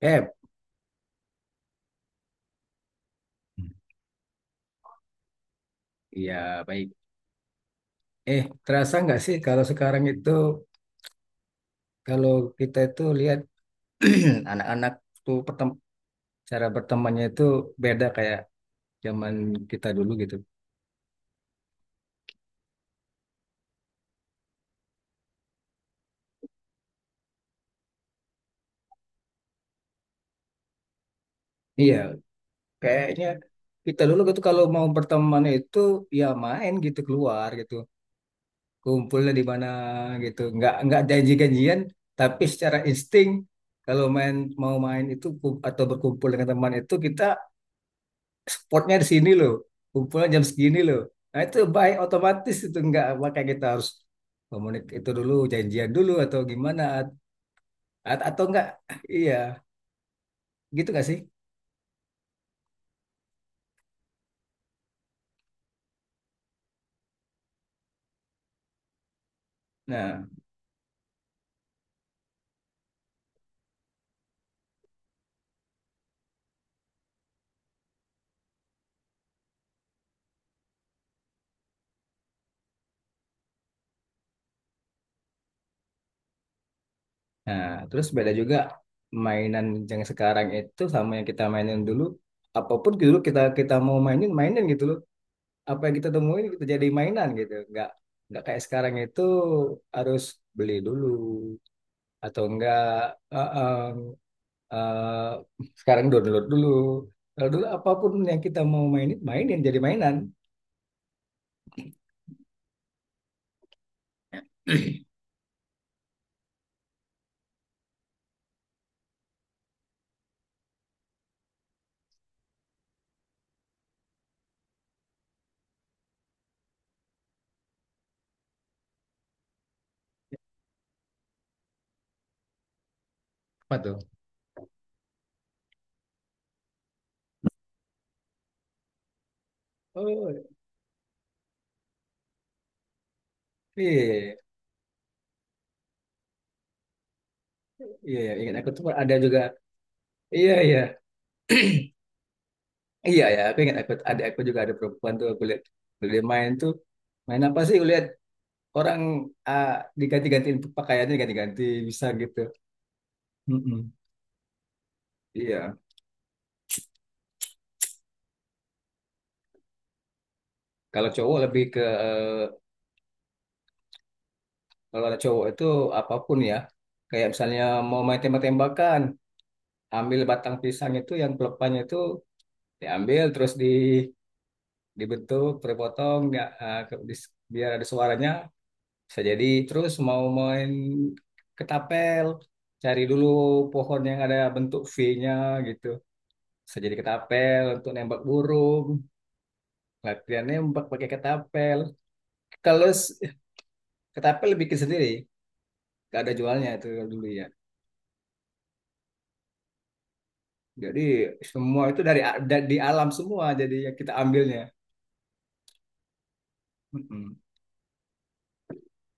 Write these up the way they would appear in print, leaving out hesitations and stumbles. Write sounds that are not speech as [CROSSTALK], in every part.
Eh, iya, baik. Terasa nggak sih kalau sekarang itu, kalau kita itu lihat [CLEARS THROAT] anak-anak tuh cara bertemannya itu beda kayak zaman kita dulu gitu. Iya, kayaknya kita dulu gitu kalau mau berteman itu ya main gitu keluar gitu, kumpulnya di mana gitu, nggak janji-janjian, tapi secara insting kalau main mau main itu atau berkumpul dengan teman itu kita spotnya di sini loh, kumpulan jam segini loh. Nah itu baik otomatis itu enggak, makanya kita harus komunik itu dulu, janjian dulu atau gimana, atau enggak, iya, gitu nggak sih? Nah, nah, terus beda juga mainan yang sekarang itu sama yang kita mainin dulu. Apapun dulu kita kita mau mainin, mainin gitu loh, apa yang kita temuin kita jadi mainan gitu. Nggak kayak sekarang itu harus beli dulu atau enggak, eh, sekarang download dulu. Kalau dulu apapun yang kita mau mainin, mainin jadi mainan. Apa tuh? Oh iya, iya, iya, ingat aku tuh ada juga. Iya, iya, iya, ya. Aku ingat aku ada, aku juga ada. Perempuan tuh aku lihat dia main tuh. Main apa sih? Aku lihat orang, ah, diganti-gantiin pakaiannya, ganti-ganti bisa gitu. Mm-mm. Iya. Kalau cowok lebih ke Kalau ada cowok itu apapun ya. Kayak misalnya mau main tembak-tembakan, ambil batang pisang itu yang pelepahnya itu diambil terus dibentuk terpotong ya, biar ada suaranya bisa jadi. Terus mau main ketapel, cari dulu pohon yang ada bentuk V-nya gitu, bisa jadi ketapel untuk nembak burung, latihan nembak pakai ketapel. kalau s- Ketapel bikin sendiri, gak ada jualnya itu kalau dulu ya. Jadi semua itu dari di alam semua, jadi yang kita ambilnya. Mm-mm.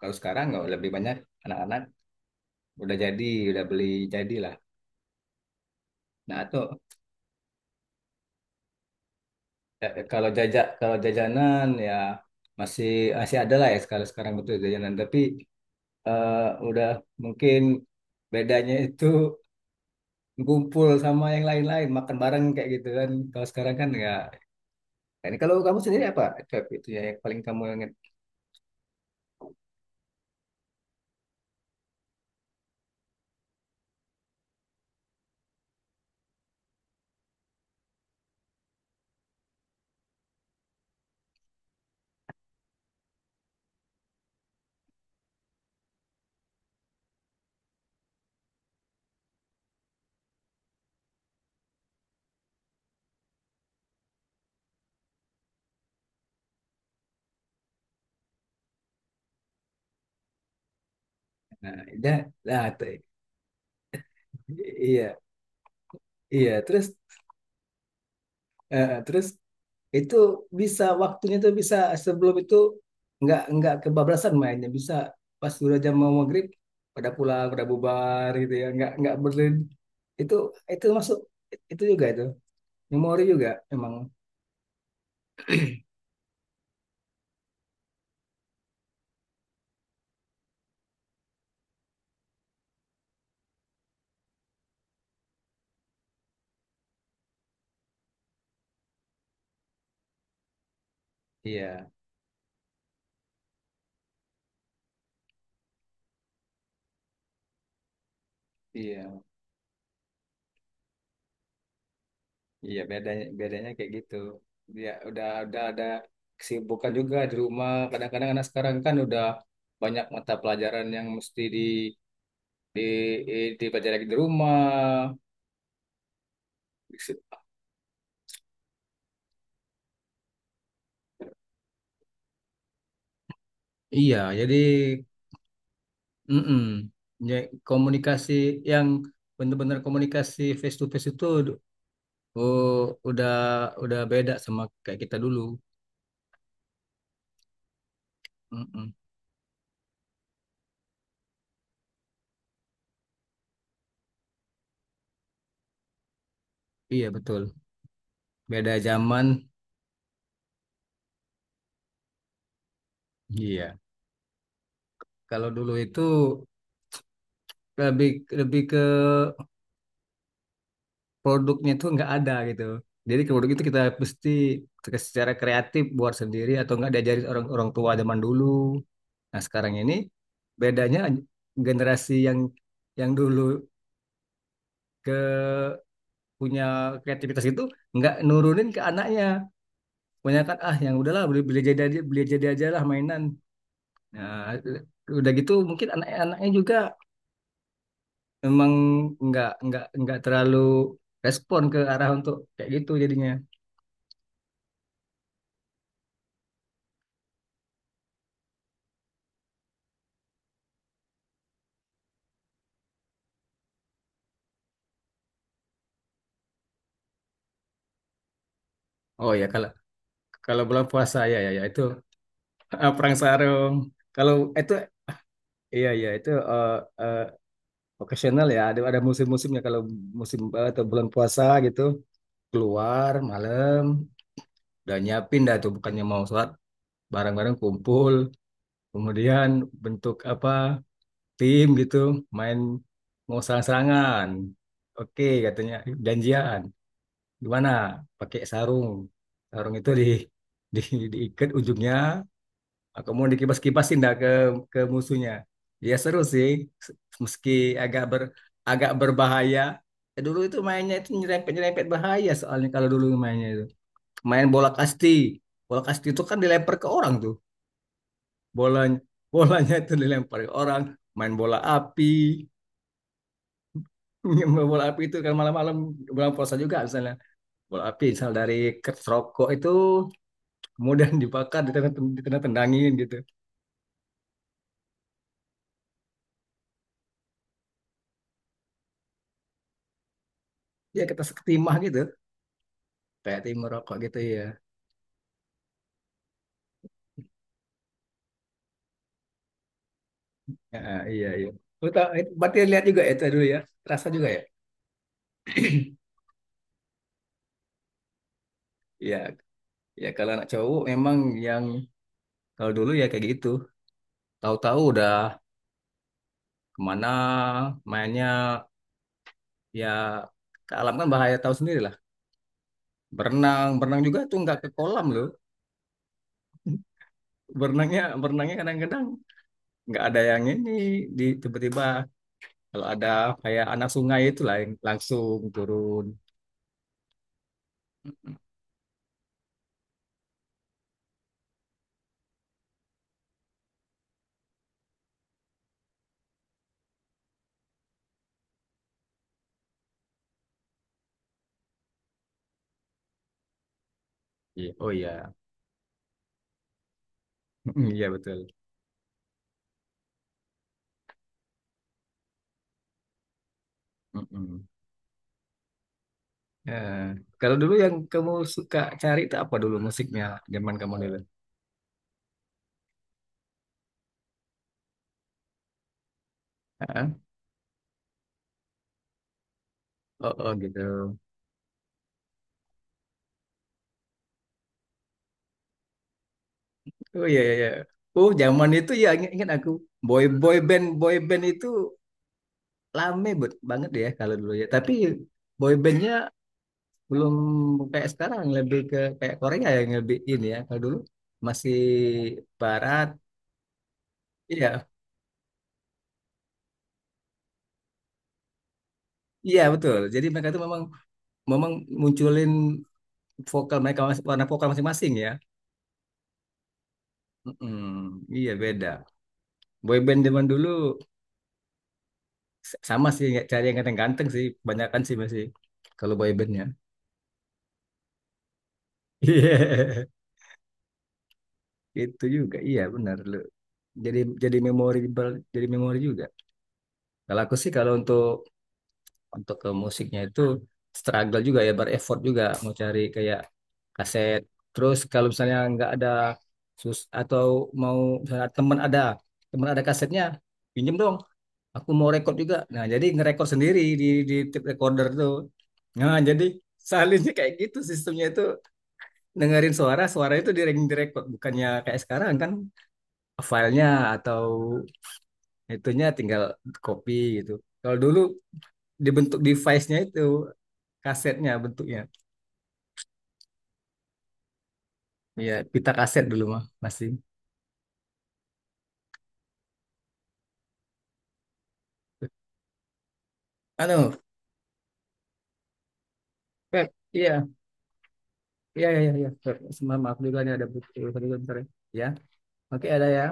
Kalau sekarang nggak, lebih banyak anak-anak udah jadi udah beli jadi lah. Nah, itu, kalau jajanan ya, masih masih ada lah ya sekarang sekarang itu jajanan, tapi eh, udah, mungkin bedanya itu ngumpul sama yang lain-lain makan bareng kayak gitu kan. Kalau sekarang kan nggak. Ini kalau kamu sendiri apa? Cap, itu ya yang paling kamu ingat. Nah, ya, nah, iya, iya. Terus itu, bisa waktunya tuh bisa sebelum itu nggak kebablasan mainnya, bisa pas udah jam mau maghrib pada pulang pada bubar gitu ya, nggak itu itu masuk, itu juga itu memori juga emang. Iya, iya, iya, bedanya bedanya kayak gitu ya, udah ada kesibukan juga di rumah. Kadang-kadang anak sekarang kan udah banyak mata pelajaran yang mesti di di dipelajari lagi di rumah. Iya, jadi mm ya, komunikasi yang benar-benar komunikasi face to face itu, oh, udah udah beda sama kayak kita dulu. Mm-mm. Iya betul. Beda zaman. Iya. Kalau dulu itu lebih lebih ke produknya tuh nggak ada gitu. Jadi ke produk itu kita mesti secara kreatif buat sendiri atau nggak diajarin orang orang tua zaman dulu. Nah sekarang ini bedanya generasi yang dulu punya kreativitas itu nggak nurunin ke anaknya, punya kan, ah yang udahlah beli beli jadi aja, beli jadi aja lah mainan. Nah udah gitu mungkin anak-anaknya juga memang nggak terlalu respon ke arah untuk kayak gitu jadinya. Oh ya, kalau kalau bulan puasa ya, ya, ya, itu, [LAUGHS] perang sarung. Kalau itu, iya, iya, itu, eh, occasional ya, ada musim-musimnya, kalau musim, atau bulan puasa gitu, keluar malam udah nyiapin dah tuh, bukannya mau sholat. Barang-barang kumpul, kemudian bentuk apa, tim gitu, main mau sarang-sarangan. Oke, katanya janjian. Gimana? Pakai sarung. Sarung itu di, [LAUGHS] di diikat ujungnya, kemudian dikibas-kibasin dah ke musuhnya. Ya seru sih, se- meski agak ber agak berbahaya. Dulu itu mainnya itu nyerempet-nyerempet bahaya, soalnya kalau dulu mainnya itu. Main bola kasti. Bola kasti itu kan dilempar ke orang tuh. Bolanya bolanya itu dilempar ke orang. Main bola api. [LAUGHS] Main bola api itu kan malam-malam bulan puasa juga, misalnya bola api misal dari kertas rokok itu, kemudian [LAUGHS] dibakar, ditendang tendangin gitu. Ya kita seketimah gitu, kayak timah rokok gitu ya. Ya, iya, iya. Lu tahu, berarti lihat juga ya itu dulu ya, terasa juga ya. Iya, ya kalau anak cowok memang, yang kalau dulu ya kayak gitu, tahu-tahu udah kemana mainnya. Ya ke alam kan bahaya, tahu sendiri lah. Berenang, berenang juga tuh nggak ke kolam loh. Berenangnya kadang-kadang nggak ada yang ini, di tiba-tiba kalau ada kayak anak sungai itu lah yang langsung turun. Mm-mm. Iya, oh iya. Mm-mm, iya betul. Mm-mm. Eh, Kalau dulu yang kamu suka cari itu apa dulu musiknya zaman kamu dulu? Heeh. Oh gitu. Oh iya, iya, iya. Oh zaman itu ya, ingat aku. Boy boy band boy band itu lame banget ya kalau dulu ya. Tapi boy bandnya belum kayak sekarang, lebih ke kayak Korea yang lebih ini ya. Kalau dulu masih barat. Iya, iya betul, jadi mereka itu memang memang munculin vokal mereka, warna vokal masing-masing ya. Mm-mm. Iya beda boyband zaman dulu, sama sih, nggak cari yang ganteng-ganteng sih kebanyakan sih masih kalau boybandnya. [LAUGHS] Iya itu juga, iya benar lu. Jadi memorable, jadi memori juga. Kalau aku sih, kalau untuk ke musiknya itu, struggle juga ya, bereffort juga mau cari kayak kaset. Terus kalau misalnya nggak ada sus, atau mau misalnya teman ada kasetnya, pinjem dong, aku mau rekod juga. Nah jadi ngerekod sendiri di tape recorder tuh. Nah jadi salinnya [LAUGHS] kayak gitu sistemnya itu, dengerin suara suara itu direkod, bukannya kayak sekarang kan filenya atau itunya tinggal copy gitu. Kalau dulu dibentuk device-nya itu, kasetnya bentuknya. Iya, pita kaset dulu mah masih. Halo, Pep. Iya, iya, iya, iya, iya, Pep. Semua maaf juga nih, ada buku. Tadi bentar bentar, ya. Ya, oke ada ya.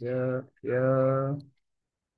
Yuk, yuk.